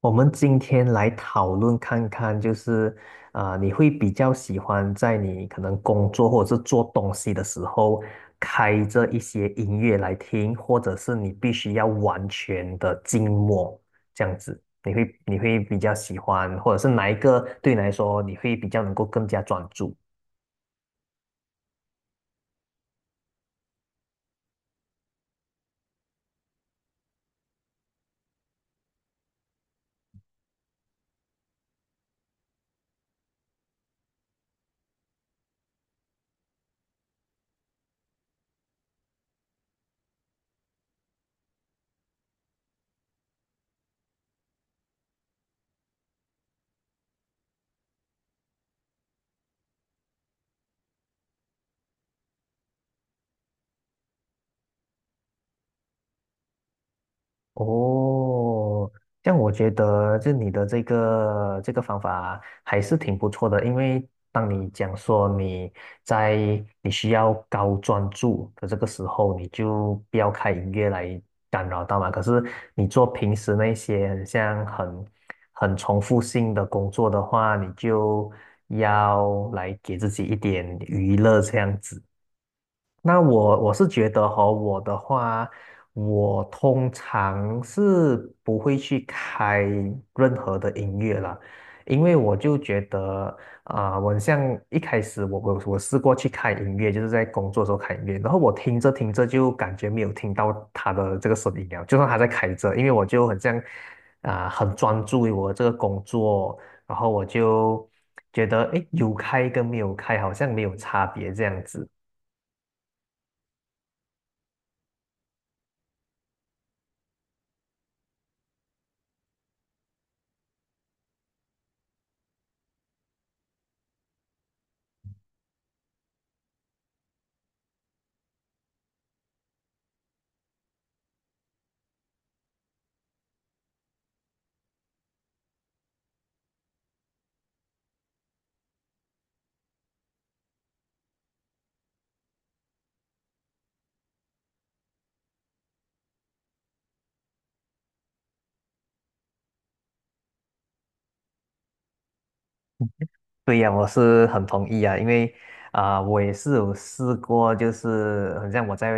我们今天来讨论看看，就是你会比较喜欢在你可能工作或者是做东西的时候，开着一些音乐来听，或者是你必须要完全的静默这样子，你会比较喜欢，或者是哪一个对你来说你会比较能够更加专注？哦，这样我觉得就你的这个方法还是挺不错的，因为当你讲说你在你需要高专注的这个时候，你就不要开音乐来干扰到嘛。可是你做平时那些很像很重复性的工作的话，你就要来给自己一点娱乐这样子。那我是觉得哈，我的话，我通常是不会去开任何的音乐啦，因为我就觉得我很像一开始我试过去开音乐，就是在工作的时候开音乐，然后我听着听着就感觉没有听到他的这个声音了，就算他在开着，因为我就很像很专注于我这个工作，然后我就觉得诶，有开跟没有开好像没有差别这样子。对呀，我是很同意啊，因为我也是有试过，就是很像我在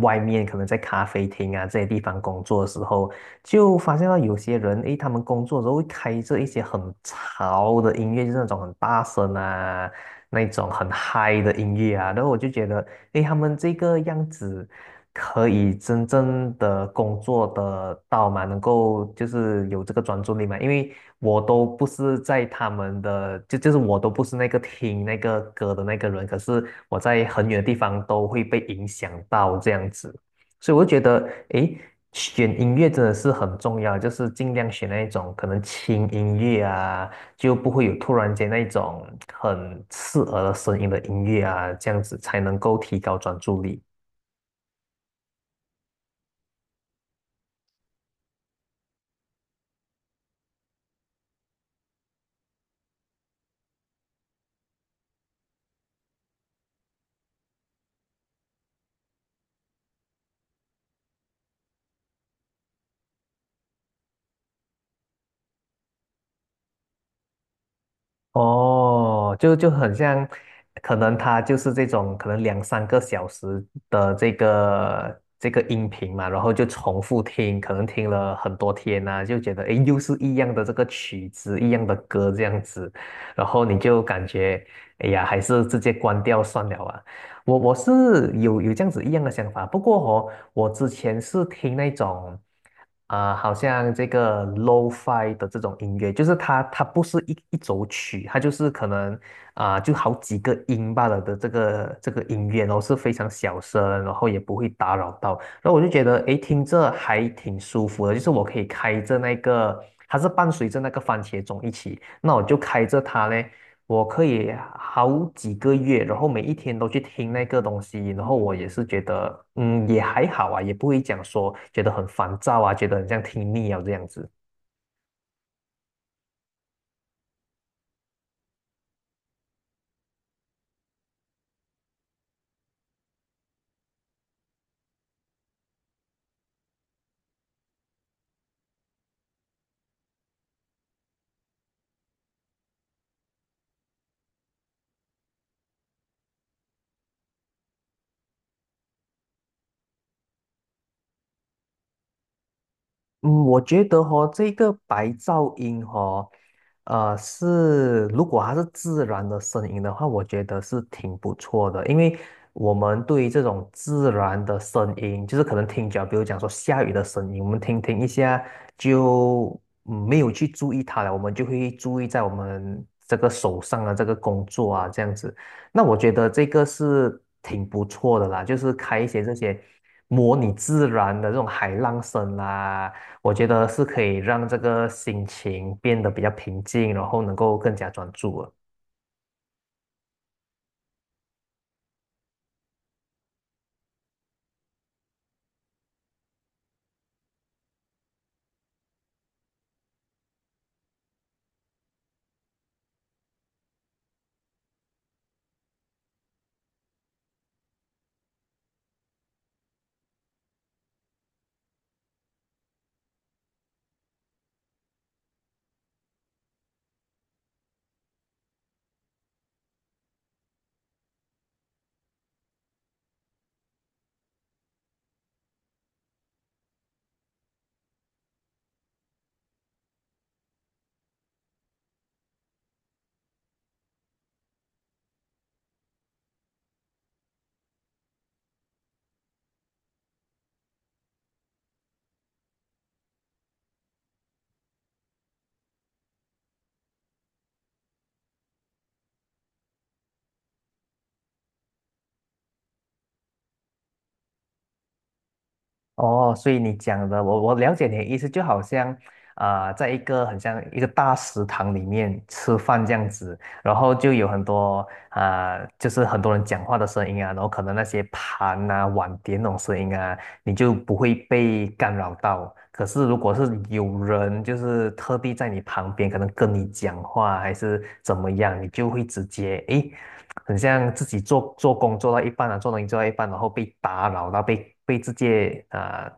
外面，可能在咖啡厅啊这些地方工作的时候，就发现到有些人，诶，他们工作的时候会开着一些很潮的音乐，就是那种很大声啊，那种很嗨的音乐啊，然后我就觉得，诶，他们这个样子可以真正的工作的到吗？能够就是有这个专注力吗？因为我都不是在他们的，就是我都不是那个听那个歌的那个人，可是我在很远的地方都会被影响到这样子，所以我就觉得，诶，选音乐真的是很重要，就是尽量选那一种可能轻音乐啊，就不会有突然间那种很刺耳的声音的音乐啊，这样子才能够提高专注力。哦，就很像，可能他就是这种可能两三个小时的这个音频嘛，然后就重复听，可能听了很多天呐，就觉得诶，又是一样的这个曲子，一样的歌这样子，然后你就感觉，哎呀，还是直接关掉算了啊。我是有这样子一样的想法，不过哦，我之前是听那种，好像这个 lo-fi 的这种音乐，就是它不是一首曲，它就是可能就好几个音罢了的这个音乐，然后是非常小声，然后也不会打扰到，然后我就觉得诶，听着还挺舒服的，就是我可以开着那个，它是伴随着那个番茄钟一起，那我就开着它呢。我可以好几个月，然后每一天都去听那个东西，然后我也是觉得，嗯，也还好啊，也不会讲说觉得很烦躁啊，觉得很像听腻啊这样子。嗯，我觉得哈，这个白噪音哈，是如果它是自然的声音的话，我觉得是挺不错的，因为我们对于这种自然的声音，就是可能听久了比如讲说下雨的声音，我们听一下就嗯没有去注意它了，我们就会注意在我们这个手上的这个工作啊，这样子。那我觉得这个是挺不错的啦，就是开一些这些模拟自然的这种海浪声啦。我觉得是可以让这个心情变得比较平静，然后能够更加专注了。哦，所以你讲的，我了解你的意思，就好像，啊，在一个很像一个大食堂里面吃饭这样子，然后就有很多就是很多人讲话的声音啊，然后可能那些盘啊、碗碟那种声音啊，你就不会被干扰到。可是如果是有人就是特地在你旁边，可能跟你讲话还是怎么样，你就会直接诶。很像自己做工做到一半啊，做东西做到一半，然后被打扰到，被直接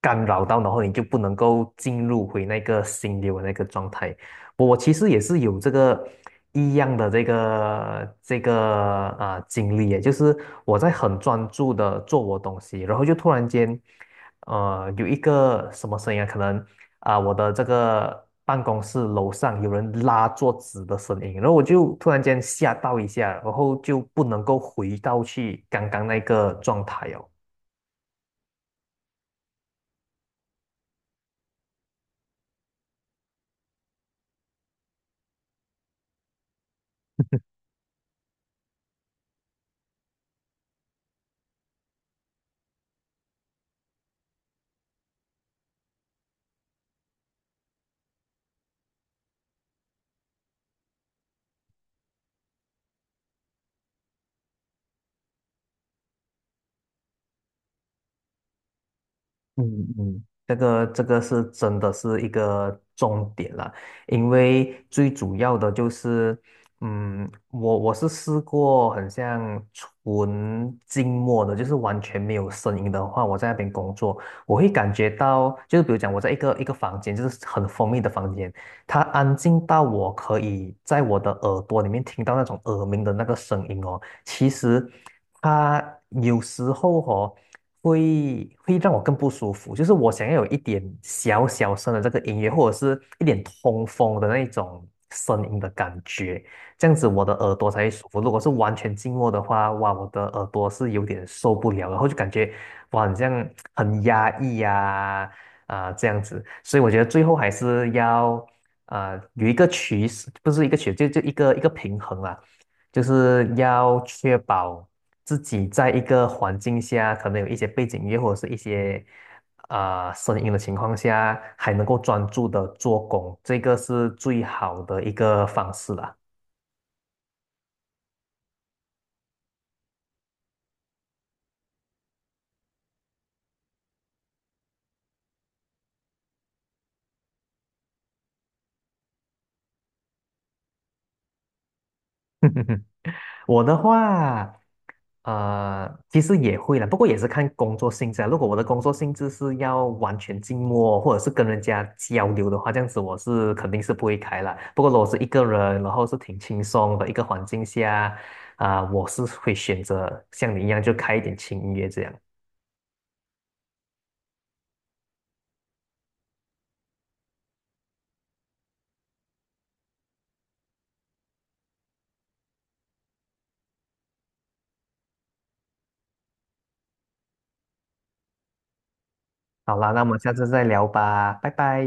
干扰到，然后你就不能够进入回那个心流的那个状态。我其实也是有这个一样的这个经历耶，就是我在很专注的做我东西，然后就突然间，有一个什么声音啊，可能我的这个办公室楼上有人拉桌子的声音，然后我就突然间吓到一下，然后就不能够回到去刚刚那个状态哦。嗯嗯，这个是真的是一个重点了，因为最主要的就是，嗯，我是试过很像纯静默的，就是完全没有声音的话，我在那边工作，我会感觉到，就是比如讲我在一个房间，就是很封闭的房间，它安静到我可以在我的耳朵里面听到那种耳鸣的那个声音哦，其实它有时候哦。会让我更不舒服，就是我想要有一点小小声的这个音乐，或者是一点通风的那种声音的感觉，这样子我的耳朵才会舒服。如果是完全静默的话，哇，我的耳朵是有点受不了，然后就感觉哇，好像很压抑呀、啊，这样子。所以我觉得最后还是要有一个取舍，不是一个取，就一个一个平衡啦。就是要确保自己在一个环境下，可能有一些背景音乐或者是一些声音的情况下，还能够专注的做工，这个是最好的一个方式啦。我的话，其实也会了，不过也是看工作性质啊。如果我的工作性质是要完全静默，或者是跟人家交流的话，这样子我是肯定是不会开了。不过如果是一个人，然后是挺轻松的一个环境下，我是会选择像你一样就开一点轻音乐这样。好啦，那我们下次再聊吧，拜拜。